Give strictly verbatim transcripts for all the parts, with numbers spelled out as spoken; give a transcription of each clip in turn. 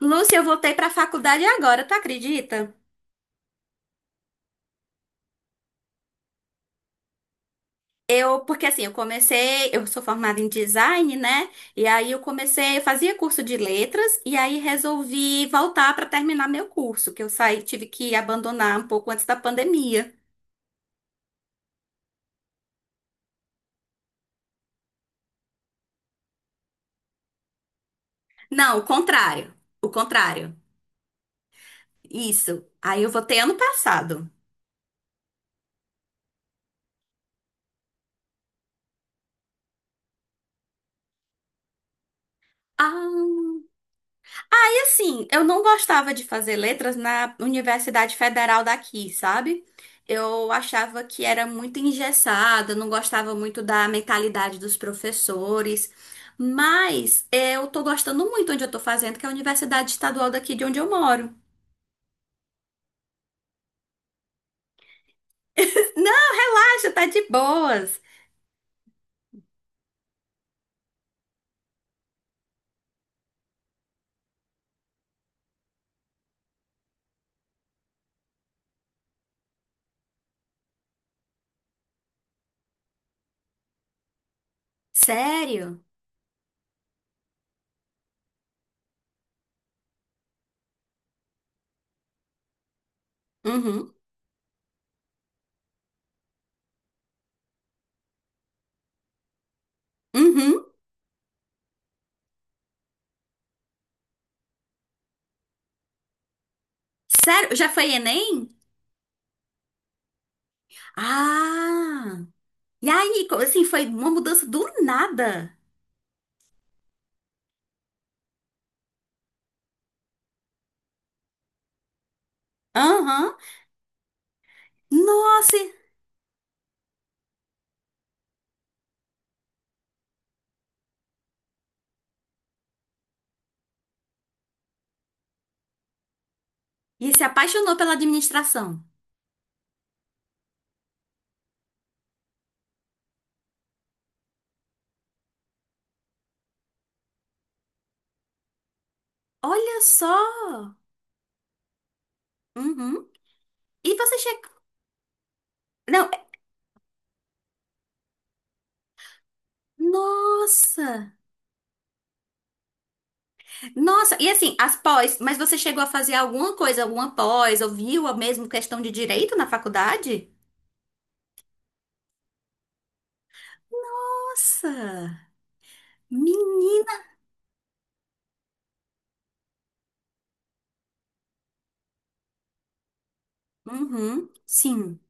Lúcia, eu voltei para a faculdade agora, tu acredita? Eu, porque assim, eu comecei, Eu sou formada em design, né? E aí eu comecei, eu fazia curso de letras e aí resolvi voltar para terminar meu curso, que eu saí, tive que abandonar um pouco antes da pandemia. Não, o contrário. O contrário. Isso. Aí eu voltei ano passado. Ah, Assim, eu não gostava de fazer letras na Universidade Federal daqui, sabe? Eu achava que era muito engessada, não gostava muito da mentalidade dos professores, mas eu tô gostando muito onde eu tô fazendo, que é a Universidade Estadual daqui de onde eu moro. Ah, já tá de boas. Sério? Uhum, uhum. Sério? Já foi Enem? Ah! E aí, co- assim, foi uma mudança do nada. Aham. Nossa! E se apaixonou pela administração. Olha só! Uhum. E você chegou. Não, é- nossa! Nossa! E assim, as pós, mas você chegou a fazer alguma coisa, alguma pós, ou viu a mesma questão de direito na faculdade? Nossa! Menina! Uhum. Sim.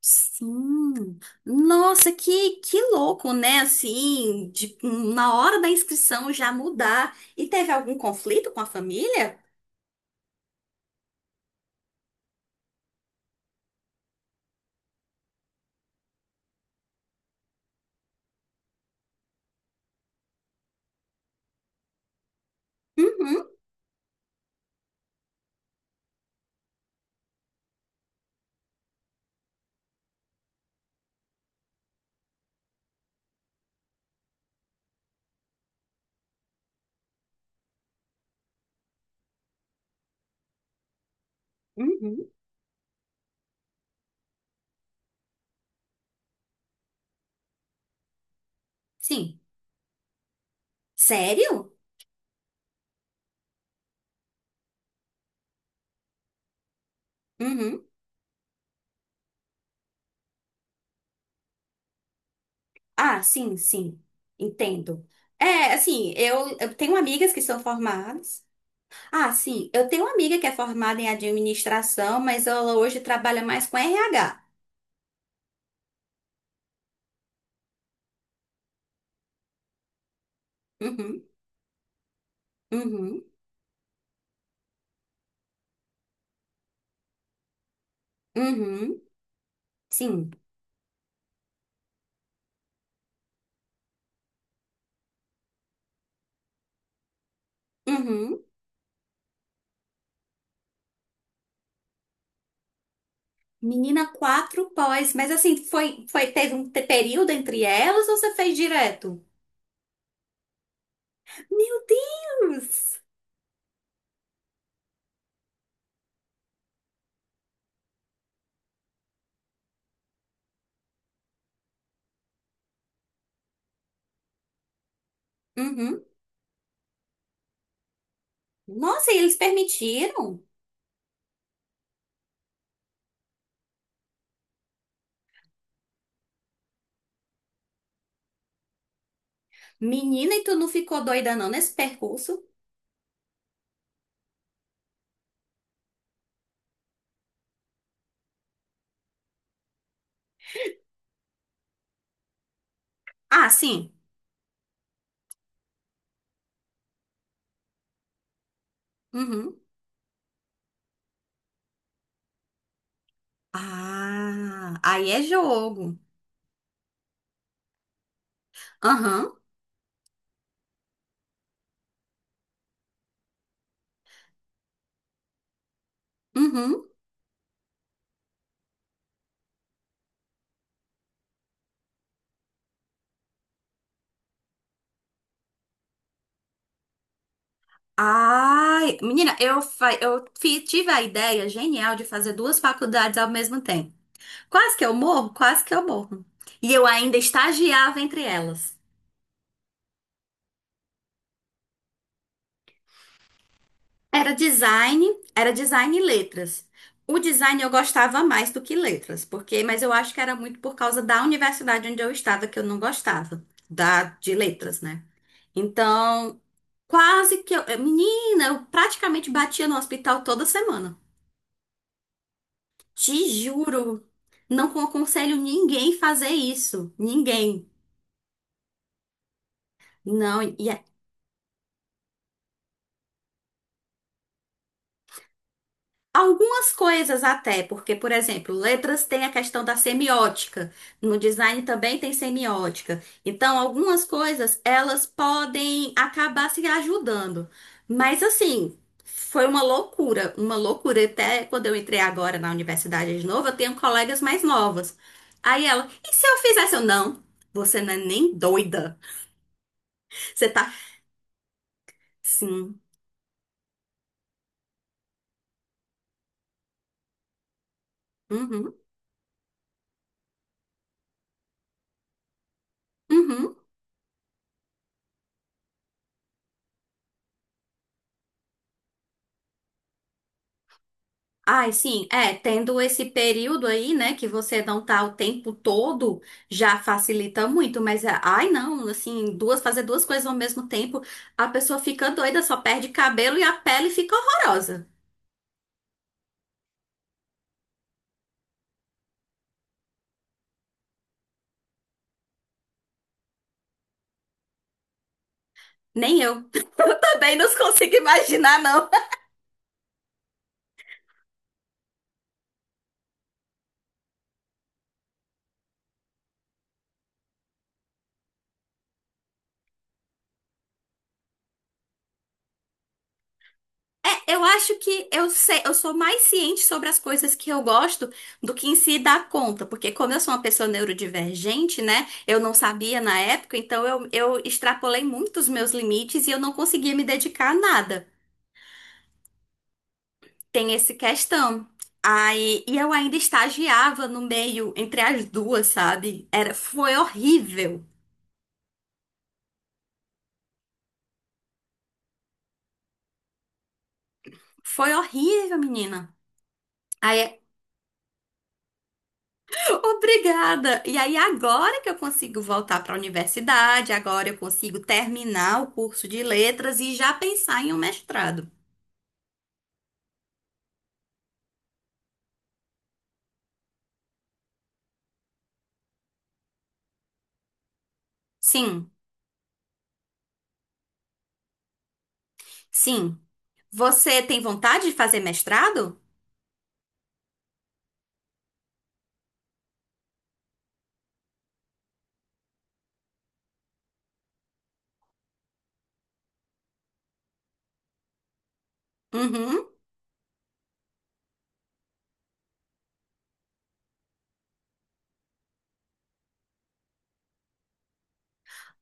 Sim. Nossa, que, que louco, né? Assim, de- na hora da inscrição já mudar. E teve algum conflito com a família? Uhum. Uhum. Sim. Sério? Uhum. Ah, sim, sim. Entendo. É, assim, eu, eu tenho amigas que são formadas. Ah, sim, eu tenho uma amiga que é formada em administração, mas ela hoje trabalha mais com R H. Uhum, uhum, uhum, sim. Uhum. Menina, quatro pós, mas assim, foi, foi, teve um te- período entre elas ou você fez direto? Meu Deus! Uhum. Nossa, e eles permitiram? Menina, e tu não ficou doida não nesse percurso? Ah, sim. Uhum. Ah, aí é jogo. Aham, uhum. Ai, menina, eu, fa- eu fi- tive a ideia genial de fazer duas faculdades ao mesmo tempo. Quase que eu morro, quase que eu morro. E eu ainda estagiava entre elas. Era design, era design e letras. O design eu gostava mais do que letras, porque, mas eu acho que era muito por causa da universidade onde eu estava que eu não gostava, da de letras, né? Então, Quase que eu. Eh, Menina, eu praticamente batia no hospital toda semana. Te juro. Não aconselho ninguém fazer isso. Ninguém. Não. E algumas coisas até, porque, por exemplo, letras tem a questão da semiótica, no design também tem semiótica. Então, algumas coisas elas podem acabar se ajudando. Mas assim, foi uma loucura, uma loucura. Até quando eu entrei agora na universidade de novo, eu tenho colegas mais novas. Aí ela, e se eu fizesse? Eu, não, você não é nem doida. Você tá sim. Uhum, uhum. Ai, sim, é, tendo esse período aí, né, que você não tá o tempo todo, já facilita muito, mas, é, ai, não, assim, duas, fazer duas coisas ao mesmo tempo, a pessoa fica doida, só perde cabelo e a pele fica horrorosa. Nem eu. Eu também não consigo imaginar, não. É, eu acho que eu sei, eu sou mais ciente sobre as coisas que eu gosto do que em si dar conta, porque como eu sou uma pessoa neurodivergente, né? Eu não sabia na época, então eu, eu extrapolei muito os meus limites e eu não conseguia me dedicar a nada. Tem essa questão. Aí, e eu ainda estagiava no meio, entre as duas, sabe? Era, foi horrível. Foi horrível, menina. Aí obrigada! E aí, agora que eu consigo voltar para a universidade, agora eu consigo terminar o curso de letras e já pensar em um mestrado. Sim, sim. Você tem vontade de fazer mestrado? Uhum.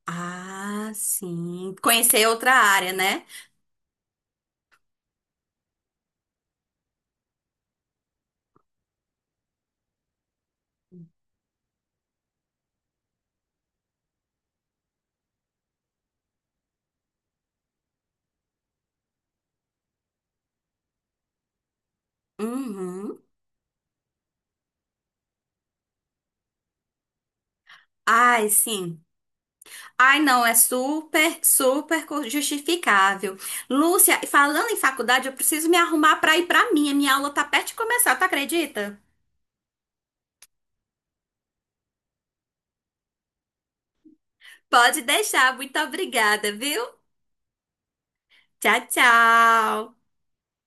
Ah, sim. Conhecer outra área, né? Uhum. Ai, sim. Ai, não, é super, super co- justificável. Lúcia, falando em faculdade, eu preciso me arrumar para ir para minha. Minha aula tá perto de começar, tu acredita? Pode deixar. Muito obrigada, viu? Tchau, tchau.